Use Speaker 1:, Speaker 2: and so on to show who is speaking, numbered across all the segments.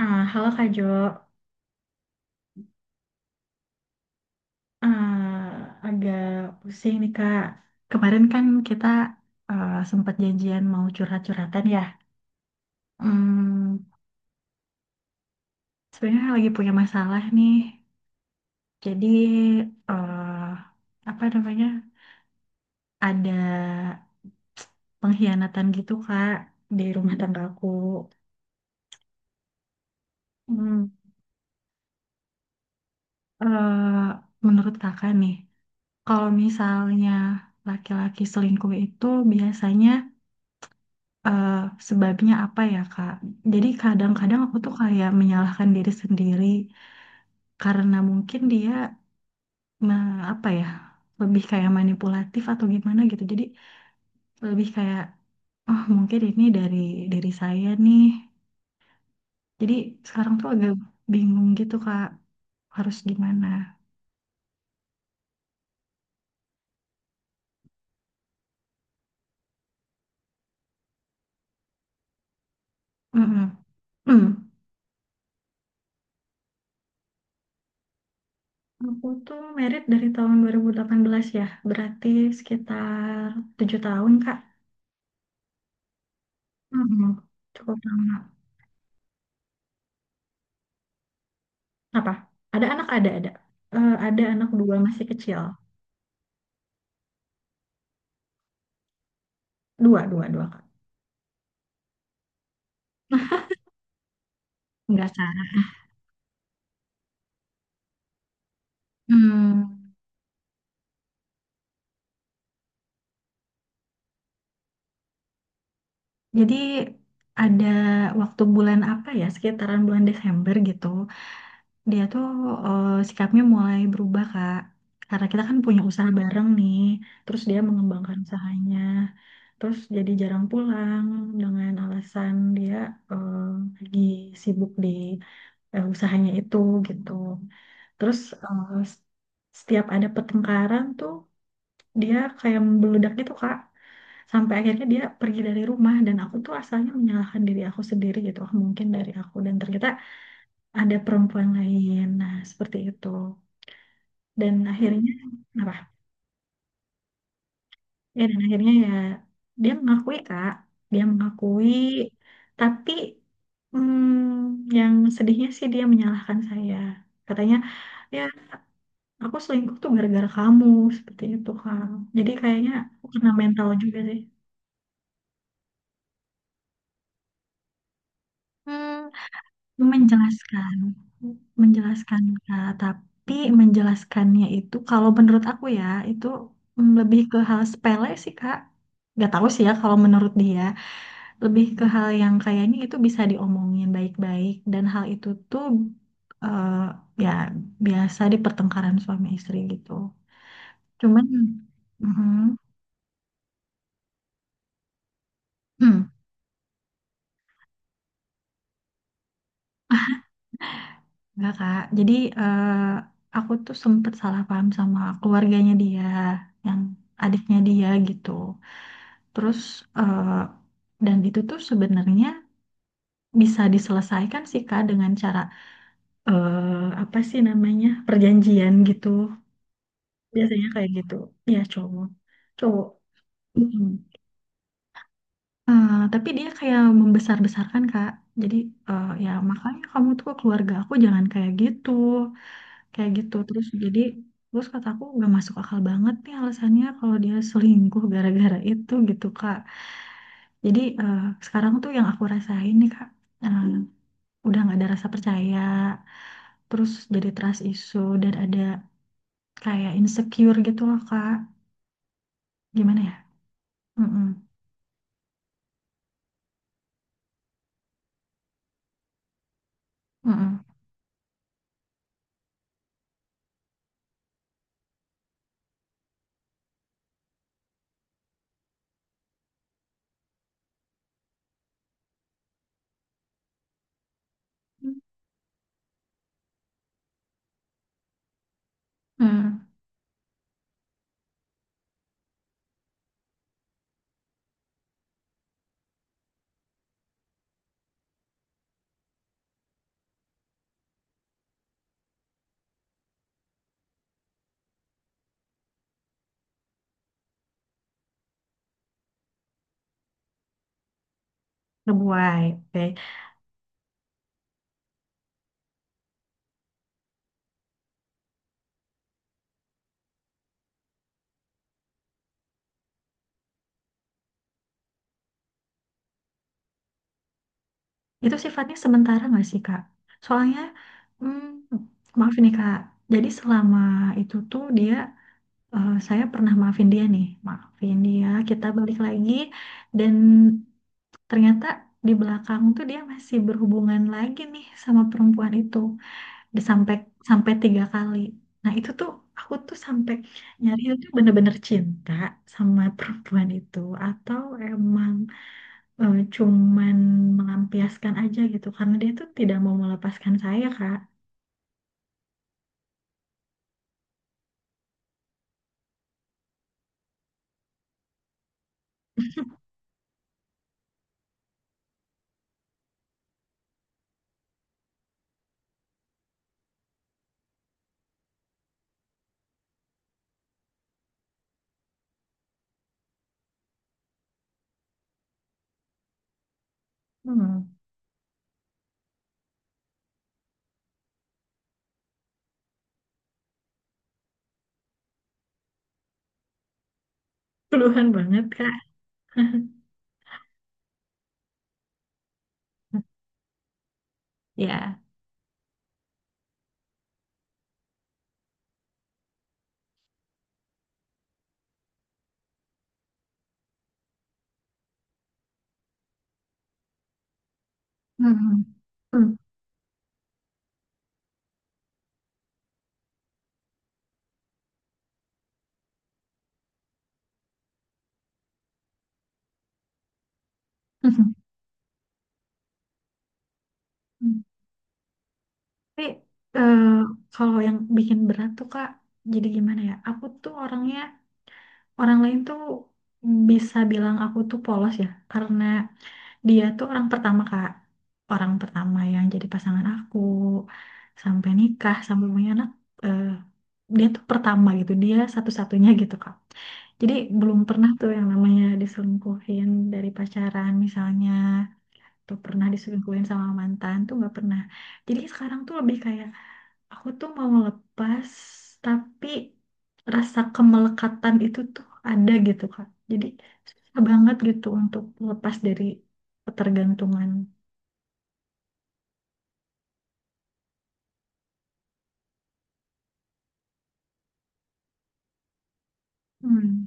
Speaker 1: Halo Kak Jo. Ah, Agak pusing nih, Kak. Kemarin kan kita sempat janjian mau curhat-curhatan, ya. Hmm, Sebenarnya lagi punya masalah nih. Jadi, eh apa namanya? Ada pengkhianatan gitu, Kak, di rumah tangga aku. Hmm, eh, Menurut Kakak nih, kalau misalnya laki-laki selingkuh itu biasanya, eh, sebabnya apa ya, Kak? Jadi kadang-kadang aku tuh kayak menyalahkan diri sendiri karena mungkin dia apa ya, lebih kayak manipulatif atau gimana gitu. Jadi lebih kayak, oh, mungkin ini dari saya nih. Jadi sekarang tuh agak bingung gitu, Kak, harus gimana. Mm-mm. Hmm. Aku tuh merit dari tahun 2018, ya, berarti sekitar 7 tahun, Kak. Mm-mm. Cukup lama. Apa? Ada anak, ada, ada. Ada anak dua masih kecil. Dua, dua, dua, Kak. Enggak salah. Hmm, jadi ada waktu bulan apa ya, sekitaran bulan Desember gitu, dia tuh, sikapnya mulai berubah, Kak. Karena kita kan punya usaha bareng nih, terus dia mengembangkan usahanya, terus jadi jarang pulang dengan alasan dia eh, lagi sibuk di usahanya itu, gitu. Terus, eh, s- setiap ada pertengkaran tuh dia kayak membeledak gitu, Kak. Sampai akhirnya dia pergi dari rumah dan aku tuh asalnya menyalahkan diri aku sendiri gitu. Mungkin dari aku, dan ternyata ada perempuan lain. Nah, seperti itu. Dan akhirnya apa? Ya, dan akhirnya, ya, dia mengakui, Kak. Dia mengakui, tapi yang sedihnya sih dia menyalahkan saya. Katanya, ya, aku selingkuh tuh gara-gara kamu, seperti itu, Kak. Jadi kayaknya aku kena mental juga sih. Hmm, Menjelaskan, menjelaskan, Kak, tapi menjelaskannya itu kalau menurut aku, ya, itu lebih ke hal sepele sih, Kak. Gak tahu sih, ya, kalau menurut dia lebih ke hal yang kayaknya itu bisa diomongin baik-baik, dan hal itu tuh, eh, ya, biasa di pertengkaran suami istri gitu, cuman mhm. Hmm. Enggak, Kak. Jadi, aku tuh sempet salah paham sama keluarganya dia, yang adiknya dia gitu. Terus, eh, dan itu tuh sebenarnya bisa diselesaikan sih, Kak, dengan cara, apa sih namanya, perjanjian gitu. Biasanya kayak gitu. Ya, cowok, cowok. Mm. Tapi dia kayak membesar-besarkan, Kak. Jadi, ya, makanya kamu tuh ke keluarga aku jangan kayak gitu. Kayak gitu terus jadi, terus kata aku nggak masuk akal banget nih alasannya, kalau dia selingkuh gara-gara itu, gitu, Kak. Jadi, sekarang tuh yang aku rasain nih, Kak, eh, udah nggak ada rasa percaya, terus jadi trust issue, dan ada kayak insecure gitu loh, Kak. Gimana ya. Mm-mm. Mm-mm. Mm. Ngebuai, oke. Itu sifatnya sementara nggak sih, Kak? Soalnya, mm, maaf nih, Kak, jadi selama itu tuh dia, saya pernah maafin dia nih, maafin dia, kita balik lagi, dan ternyata di belakang tuh dia masih berhubungan lagi nih sama perempuan itu, Di- sampai sampai tiga kali. Nah, itu tuh aku tuh sampai nyari itu bener-bener cinta sama perempuan itu, atau emang cuman melampiaskan aja gitu, karena dia tuh tidak mau melepaskan saya, Kak. Hmm, Keluhan banget, Kak. Ya. Hmm. Hmm. Hmm. Tapi, eh, kalau yang bikin berat tuh, Kak, jadi gimana ya? Aku tuh orangnya, orang lain tuh bisa bilang aku tuh polos, ya, karena dia tuh orang pertama, Kak. Orang pertama yang jadi pasangan aku, sampai nikah, sampai punya anak. eh, Dia tuh pertama gitu, dia satu-satunya gitu, Kak. Jadi belum pernah tuh yang namanya diselingkuhin dari pacaran misalnya, atau pernah diselingkuhin sama mantan tuh nggak pernah. Jadi sekarang tuh lebih kayak, aku tuh mau lepas, tapi rasa kemelekatan itu tuh ada gitu, Kak. Jadi susah banget gitu untuk lepas dari ketergantungan. Hmm.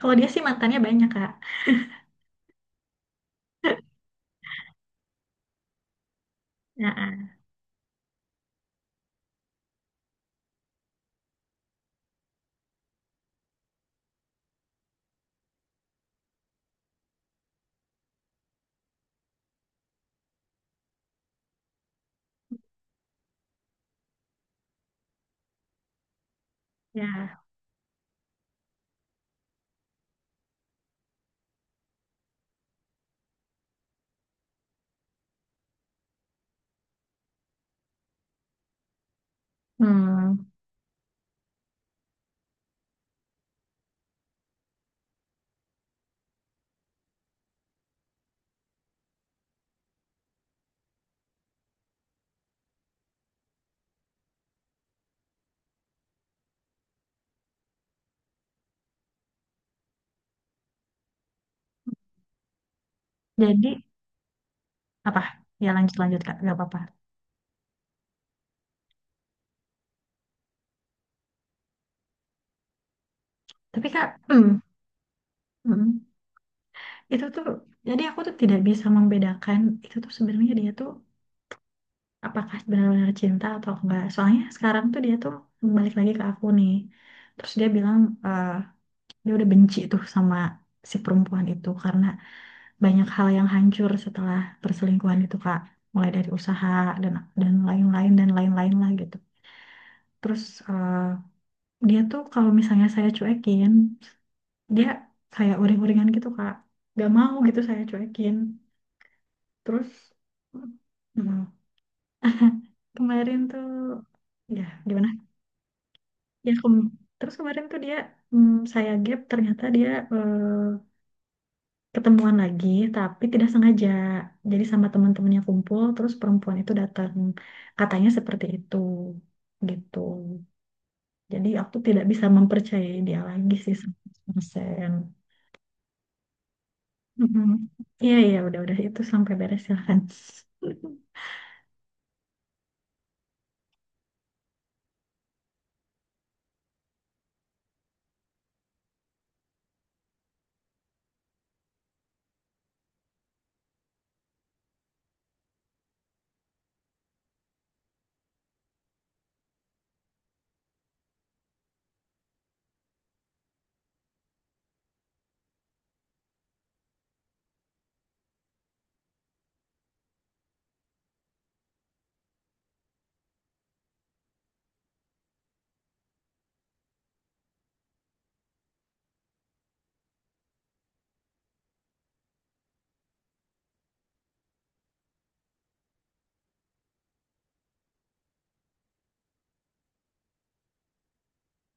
Speaker 1: Kalau dia sih mantannya banyak, Kak. Ya, ya. Hmm. Jadi apa? Ya, lanjut, lanjut, Kak. Gak apa-apa. Tapi, Kak, hmm, hmm. Itu tuh, jadi aku tuh tidak bisa membedakan, itu tuh sebenarnya dia tuh apakah benar-benar cinta atau enggak. Soalnya sekarang tuh dia tuh balik lagi ke aku nih. Terus dia bilang, eh, dia udah benci tuh sama si perempuan itu karena banyak hal yang hancur setelah perselingkuhan itu, Kak. Mulai dari usaha, dan dan lain-lain, dan lain-lain lah, gitu. Terus, eh, dia tuh kalau misalnya saya cuekin, dia kayak uring-uringan gitu, Kak. Gak mau gitu saya cuekin. Terus, mm, kemarin tuh, ya, gimana? Ya, terus kemarin tuh dia, saya gap ternyata dia eh, ketemuan lagi, tapi tidak sengaja. Jadi sama teman-temannya kumpul, terus perempuan itu datang. Katanya seperti itu. Gitu. Jadi aku tidak bisa mempercayai dia lagi sih 100%. Mm-mm. Iya, iya, udah, itu sampai beres, silahkan.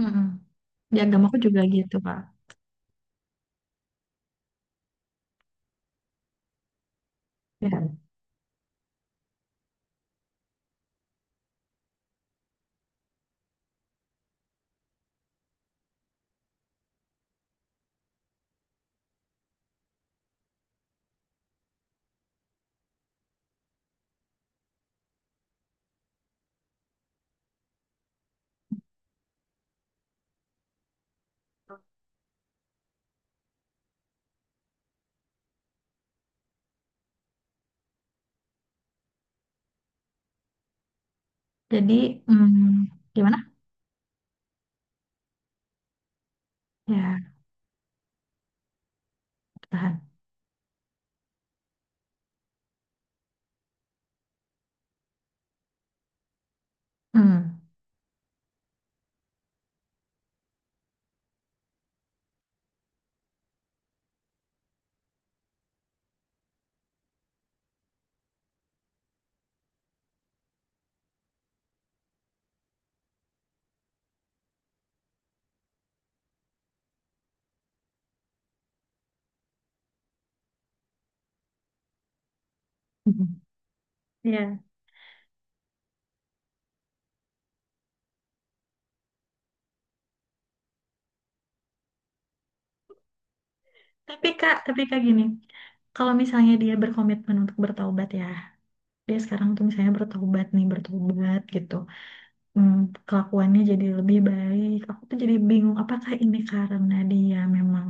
Speaker 1: Mm-mm. Di agamaku juga gitu, Pak. Ya. Jadi, mm, gimana? Ya, tahan. Mm. Mm-mm. Iya. Tapi Kak, gini, kalau misalnya dia berkomitmen untuk bertaubat, ya, dia sekarang tuh misalnya bertaubat nih, bertobat gitu, hmm, kelakuannya jadi lebih baik. Aku tuh jadi bingung, apakah ini karena dia memang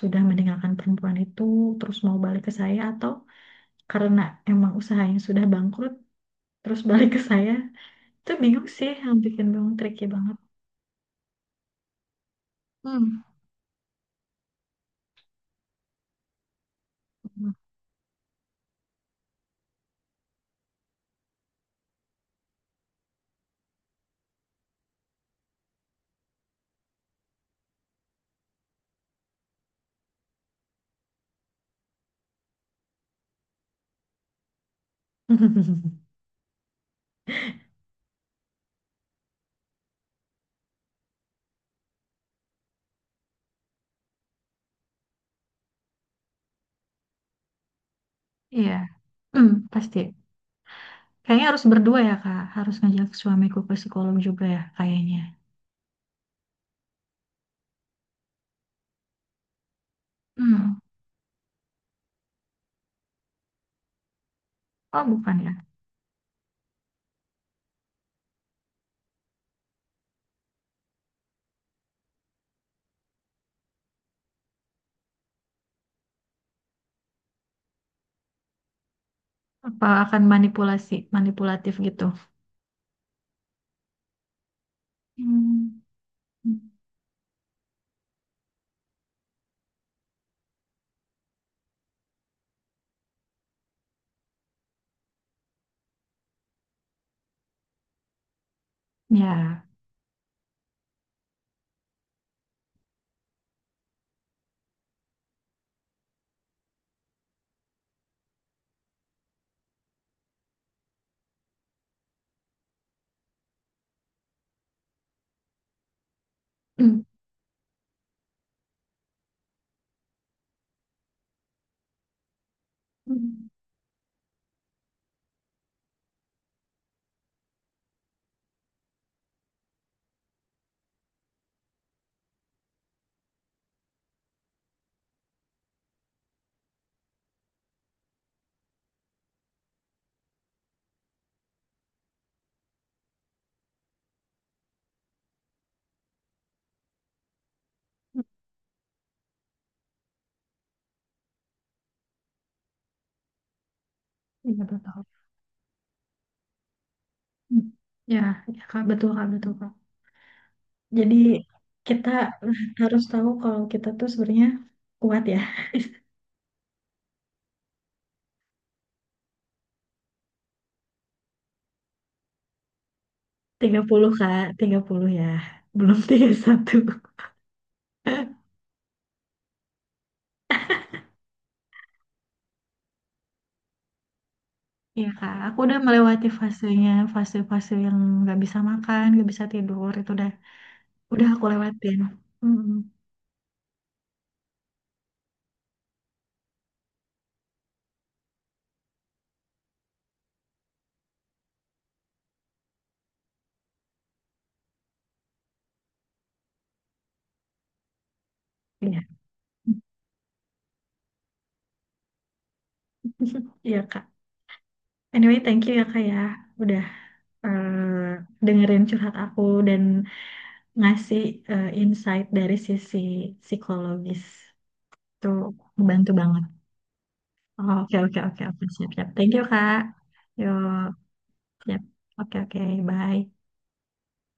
Speaker 1: sudah meninggalkan perempuan itu, terus mau balik ke saya, atau karena emang usahanya sudah bangkrut, terus balik ke saya? Itu bingung sih, yang bikin bingung tricky banget. Hmm. Iya. Hmm, pasti. Kayaknya harus berdua ya, Kak. Harus ngajak suamiku ke psikolog juga ya, kayaknya. Hmm. Oh, bukan ya. Apa akan manipulasi, manipulatif gitu? Hmm. Ya. Hmm. Hmm. Iya, betul. Hmm. Ya, ya, Kak, betul, Kak, betul, Kak. Jadi kita harus tahu kalau kita tuh sebenarnya kuat, ya. 30, Kak. 30, ya. Belum 31. Iya, Kak. Aku udah melewati fasenya, fase-fase yang nggak bisa makan, nggak bisa tidur, itu udah aku lewatin. Hmm, iya. Iya, Kak. Anyway, thank you ya, Kak, ya. Udah eh, dengerin curhat aku, dan ngasih insight dari sisi psikologis. Itu membantu banget. Oh, oke, oke, oke, oke. Siap, siap. Thank you, Kak. Yuk, siap. Oke, oke. Bye.